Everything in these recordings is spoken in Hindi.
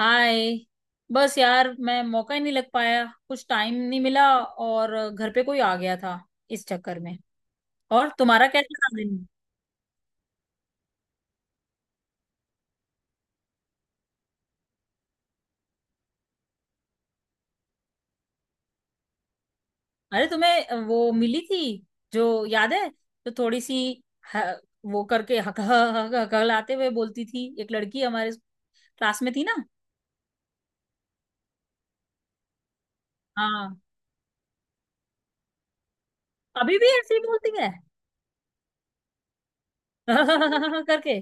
हाय। बस यार मैं मौका ही नहीं लग पाया। कुछ टाइम नहीं मिला और घर पे कोई आ गया था। इस चक्कर में। और तुम्हारा कैसा था दिन? अरे तुम्हें वो मिली थी जो याद है? तो थोड़ी सी ह, वो करके हक हक हक हकलाते हुए बोलती थी एक लड़की हमारे क्लास में थी ना। हाँ, अभी भी ऐसे ही बोलती है। करके।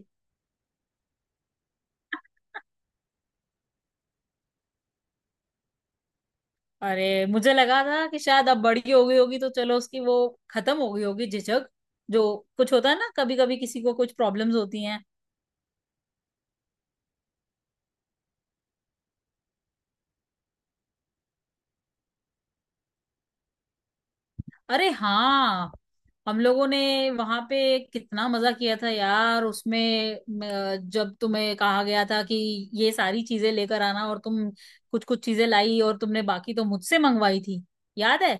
अरे मुझे लगा था कि शायद अब बड़ी हो गई होगी तो चलो उसकी वो खत्म हो गई होगी झिझक जो कुछ होता है ना। कभी कभी किसी को कुछ प्रॉब्लम्स होती हैं। अरे हाँ। हम लोगों ने वहां पे कितना मजा किया था यार उसमें। जब तुम्हें कहा गया था कि ये सारी चीजें लेकर आना और तुम कुछ कुछ चीजें लाई और तुमने बाकी तो मुझसे मंगवाई थी। याद है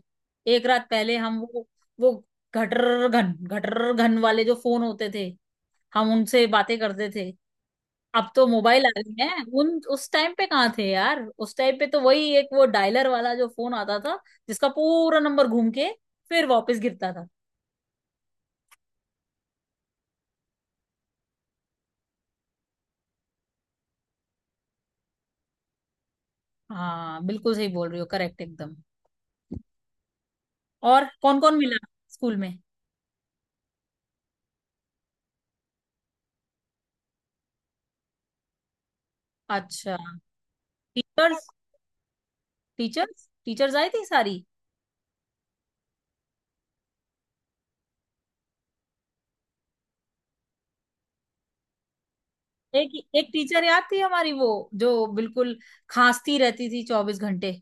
एक रात पहले हम वो घटर घन वाले जो फोन होते थे हम उनसे बातें करते थे। अब तो मोबाइल आ गए हैं। उन उस टाइम पे कहाँ थे यार? उस टाइम पे तो वही एक वो डायलर वाला जो फोन आता था जिसका पूरा नंबर घूम के फिर वापस गिरता था। हाँ बिल्कुल सही बोल रही हो। करेक्ट एकदम। और कौन कौन मिला स्कूल में? अच्छा। टीचर्स टीचर्स टीचर्स आई थी सारी? एक एक टीचर याद थी हमारी वो जो बिल्कुल खांसती रहती थी 24 घंटे।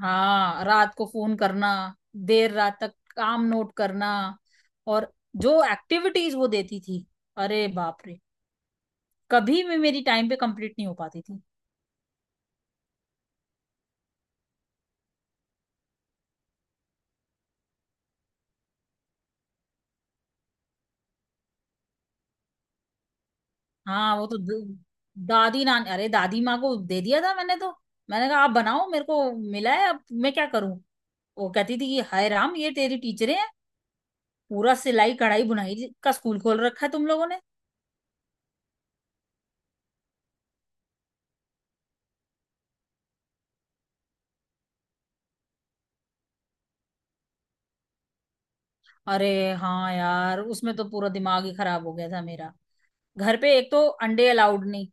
हाँ रात को फोन करना, देर रात तक काम नोट करना, और जो एक्टिविटीज वो देती थी अरे बाप रे कभी भी मेरी टाइम पे कंप्लीट नहीं हो पाती थी। हाँ वो तो द- दादी नान अरे दादी माँ को दे दिया था मैंने तो। मैंने कहा आप बनाओ, मेरे को मिला है अब मैं क्या करूं। वो कहती थी कि हाय राम ये तेरी टीचरें हैं। पूरा सिलाई कढ़ाई बुनाई का स्कूल खोल रखा है तुम लोगों ने। अरे हाँ यार उसमें तो पूरा दिमाग ही खराब हो गया था मेरा। घर पे एक तो अंडे अलाउड नहीं।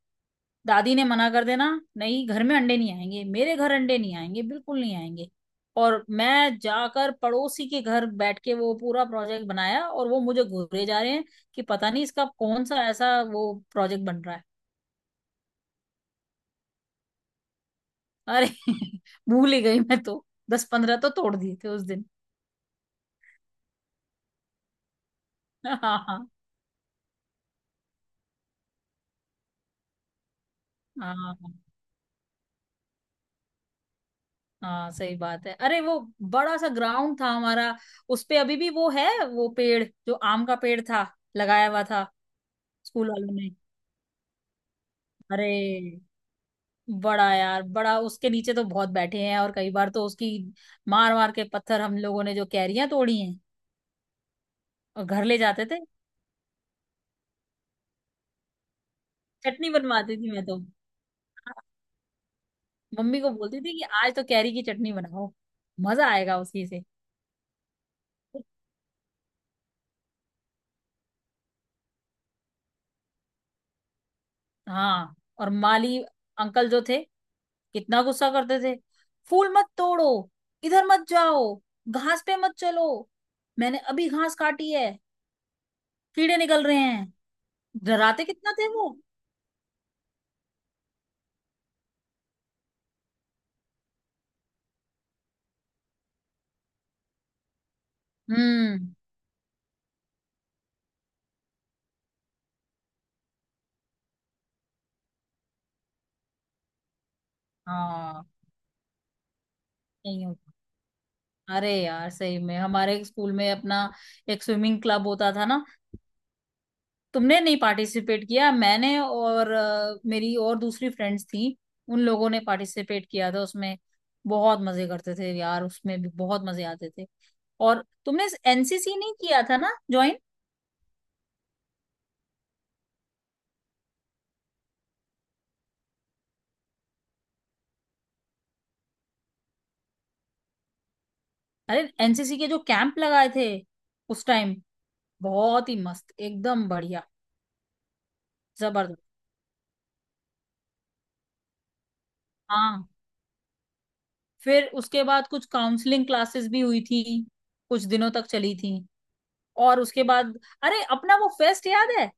दादी ने मना कर देना, नहीं घर में अंडे नहीं आएंगे, मेरे घर अंडे नहीं आएंगे, बिल्कुल नहीं आएंगे। और मैं जाकर पड़ोसी के घर बैठ के वो पूरा प्रोजेक्ट बनाया और वो मुझे घूरे जा रहे हैं कि पता नहीं इसका कौन सा ऐसा वो प्रोजेक्ट बन रहा है। अरे भूल ही गई मैं तो। 10-15 तो तोड़ दिए थे उस दिन। हाँ हाँ, हाँ हाँ सही बात है। अरे वो बड़ा सा ग्राउंड था हमारा। उस पे अभी भी वो है वो पेड़ जो आम का पेड़ था लगाया हुआ था स्कूल वालों ने। अरे बड़ा यार बड़ा उसके नीचे तो बहुत बैठे हैं, और कई बार तो उसकी मार मार के पत्थर हम लोगों ने जो कैरियां तोड़ी हैं और घर ले जाते थे। चटनी बनवाती थी मैं तो, हाँ, मम्मी को बोलती थी कि आज तो कैरी की चटनी बनाओ। मजा आएगा उसी से। हाँ और माली अंकल जो थे कितना गुस्सा करते थे। फूल मत तोड़ो। इधर मत जाओ। घास पे मत चलो। मैंने अभी घास काटी है। कीड़े निकल रहे हैं। डराते कितना थे वो। हम्म। हाँ नहीं होता। अरे यार सही में हमारे स्कूल में अपना एक स्विमिंग क्लब होता था ना। तुमने नहीं पार्टिसिपेट किया। मैंने और मेरी और दूसरी फ्रेंड्स थी, उन लोगों ने पार्टिसिपेट किया था उसमें। बहुत मजे करते थे यार, उसमें भी बहुत मजे आते थे। और तुमने एनसीसी नहीं किया था ना ज्वाइन? अरे एनसीसी के जो कैंप लगाए थे उस टाइम बहुत ही मस्त एकदम बढ़िया। जबरदस्त। हाँ फिर उसके बाद कुछ काउंसलिंग क्लासेस भी हुई थी, कुछ दिनों तक चली थी। और उसके बाद अरे अपना वो फेस्ट याद है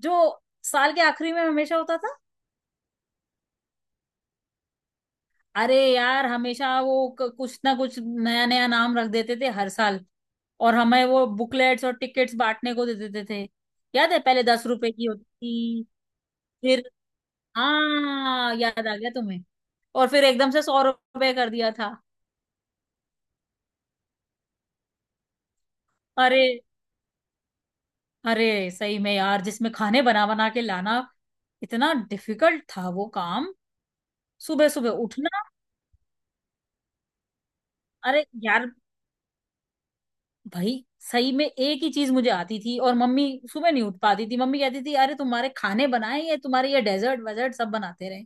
जो साल के आखिरी में हमेशा होता था? अरे यार हमेशा वो कुछ ना कुछ नया नया नाम रख देते थे हर साल। और हमें वो बुकलेट्स और टिकट्स बांटने को दे देते थे। याद है पहले 10 रुपए की होती थी? फिर। हाँ याद आ गया तुम्हें? और फिर एकदम से 100 रुपए कर दिया था। अरे, अरे सही में यार जिसमें खाने बना बना के लाना इतना डिफिकल्ट था वो काम। सुबह सुबह उठना। अरे यार भाई सही में एक ही चीज मुझे आती थी और मम्मी सुबह नहीं उठ पाती थी। मम्मी कहती थी अरे तुम्हारे खाने बनाए, ये तुम्हारे ये डेजर्ट वेजर्ट सब बनाते रहे।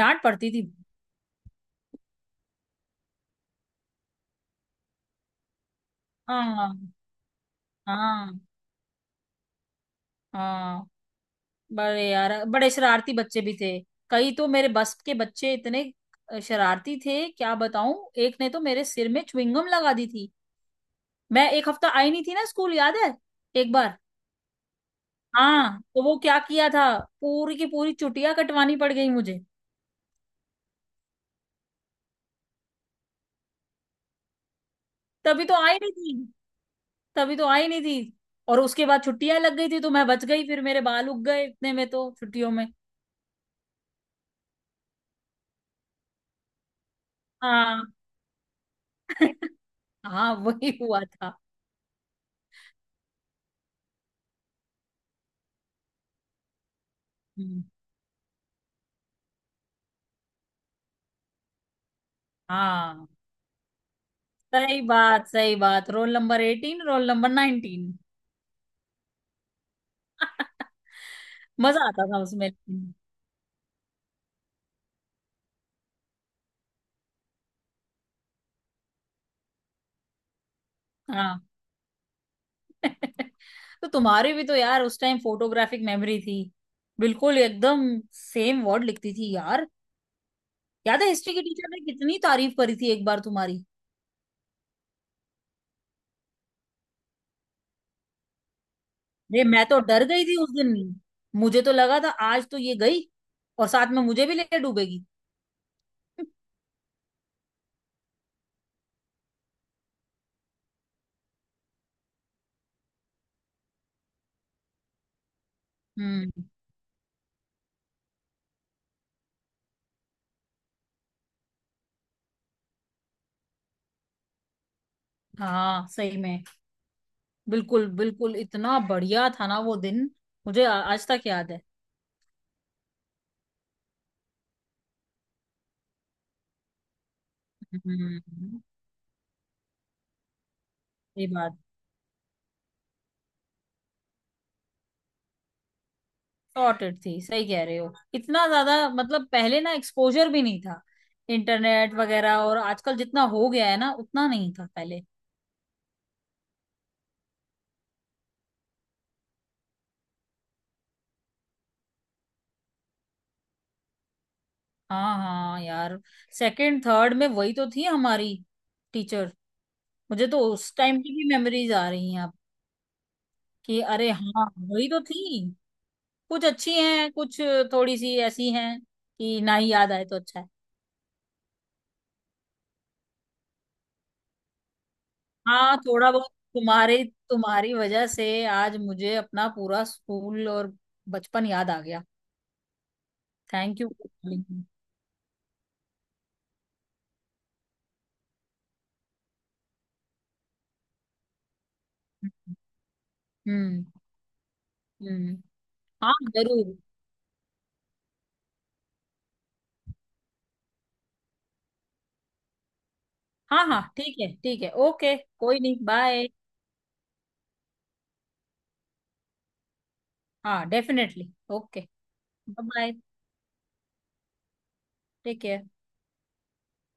डांट पड़ती थी। हाँ हाँ हाँ, बड़े यार बड़े शरारती बच्चे भी थे। कई तो मेरे बस के बच्चे इतने शरारती थे क्या बताऊं। एक ने तो मेरे सिर में च्युइंगम लगा दी थी। मैं एक हफ्ता आई नहीं थी ना स्कूल, याद है एक बार? हाँ तो वो क्या किया था, पूरी की पूरी चुटिया कटवानी पड़ गई मुझे। तभी तो आई नहीं थी। तभी तो आई नहीं थी। और उसके बाद छुट्टियां लग गई थी तो मैं बच गई, फिर मेरे बाल उग गए इतने में तो छुट्टियों में। हाँ हाँ वही हुआ था। हम्म, हाँ सही बात, सही बात, रोल नंबर 18 रोल नंबर 19। मजा आता था उसमें। हाँ तो तुम्हारी भी तो यार उस टाइम फोटोग्राफिक मेमोरी थी, बिल्कुल एकदम सेम वर्ड लिखती थी यार। याद है हिस्ट्री की टीचर ने कितनी तारीफ करी थी एक बार तुम्हारी? ये मैं तो डर गई थी उस दिन। मुझे तो लगा था आज तो ये गई और साथ में मुझे भी ले डूबेगी। हम्म। हाँ सही में, बिल्कुल बिल्कुल इतना बढ़िया था ना वो दिन। मुझे आज तक याद है। हम्म। ये बात। सॉर्टेड थी, सही कह रहे हो। इतना ज्यादा मतलब पहले ना एक्सपोजर भी नहीं था इंटरनेट वगैरह, और आजकल जितना हो गया है ना उतना नहीं था पहले। हाँ हाँ यार सेकंड थर्ड में वही तो थी हमारी टीचर। मुझे तो उस टाइम की भी मेमोरीज आ रही हैं अब कि अरे हाँ वही तो थी। कुछ अच्छी हैं, कुछ थोड़ी सी ऐसी हैं कि ना ही याद आए तो अच्छा है। हाँ थोड़ा बहुत। तुम्हारे तुम्हारी वजह से आज मुझे अपना पूरा स्कूल और बचपन याद आ गया। Thank you. हम्म। हम्म। हाँ जरूर। हाँ हाँ ठीक है ओके कोई नहीं बाय। हाँ definitely okay. Bye. Take care.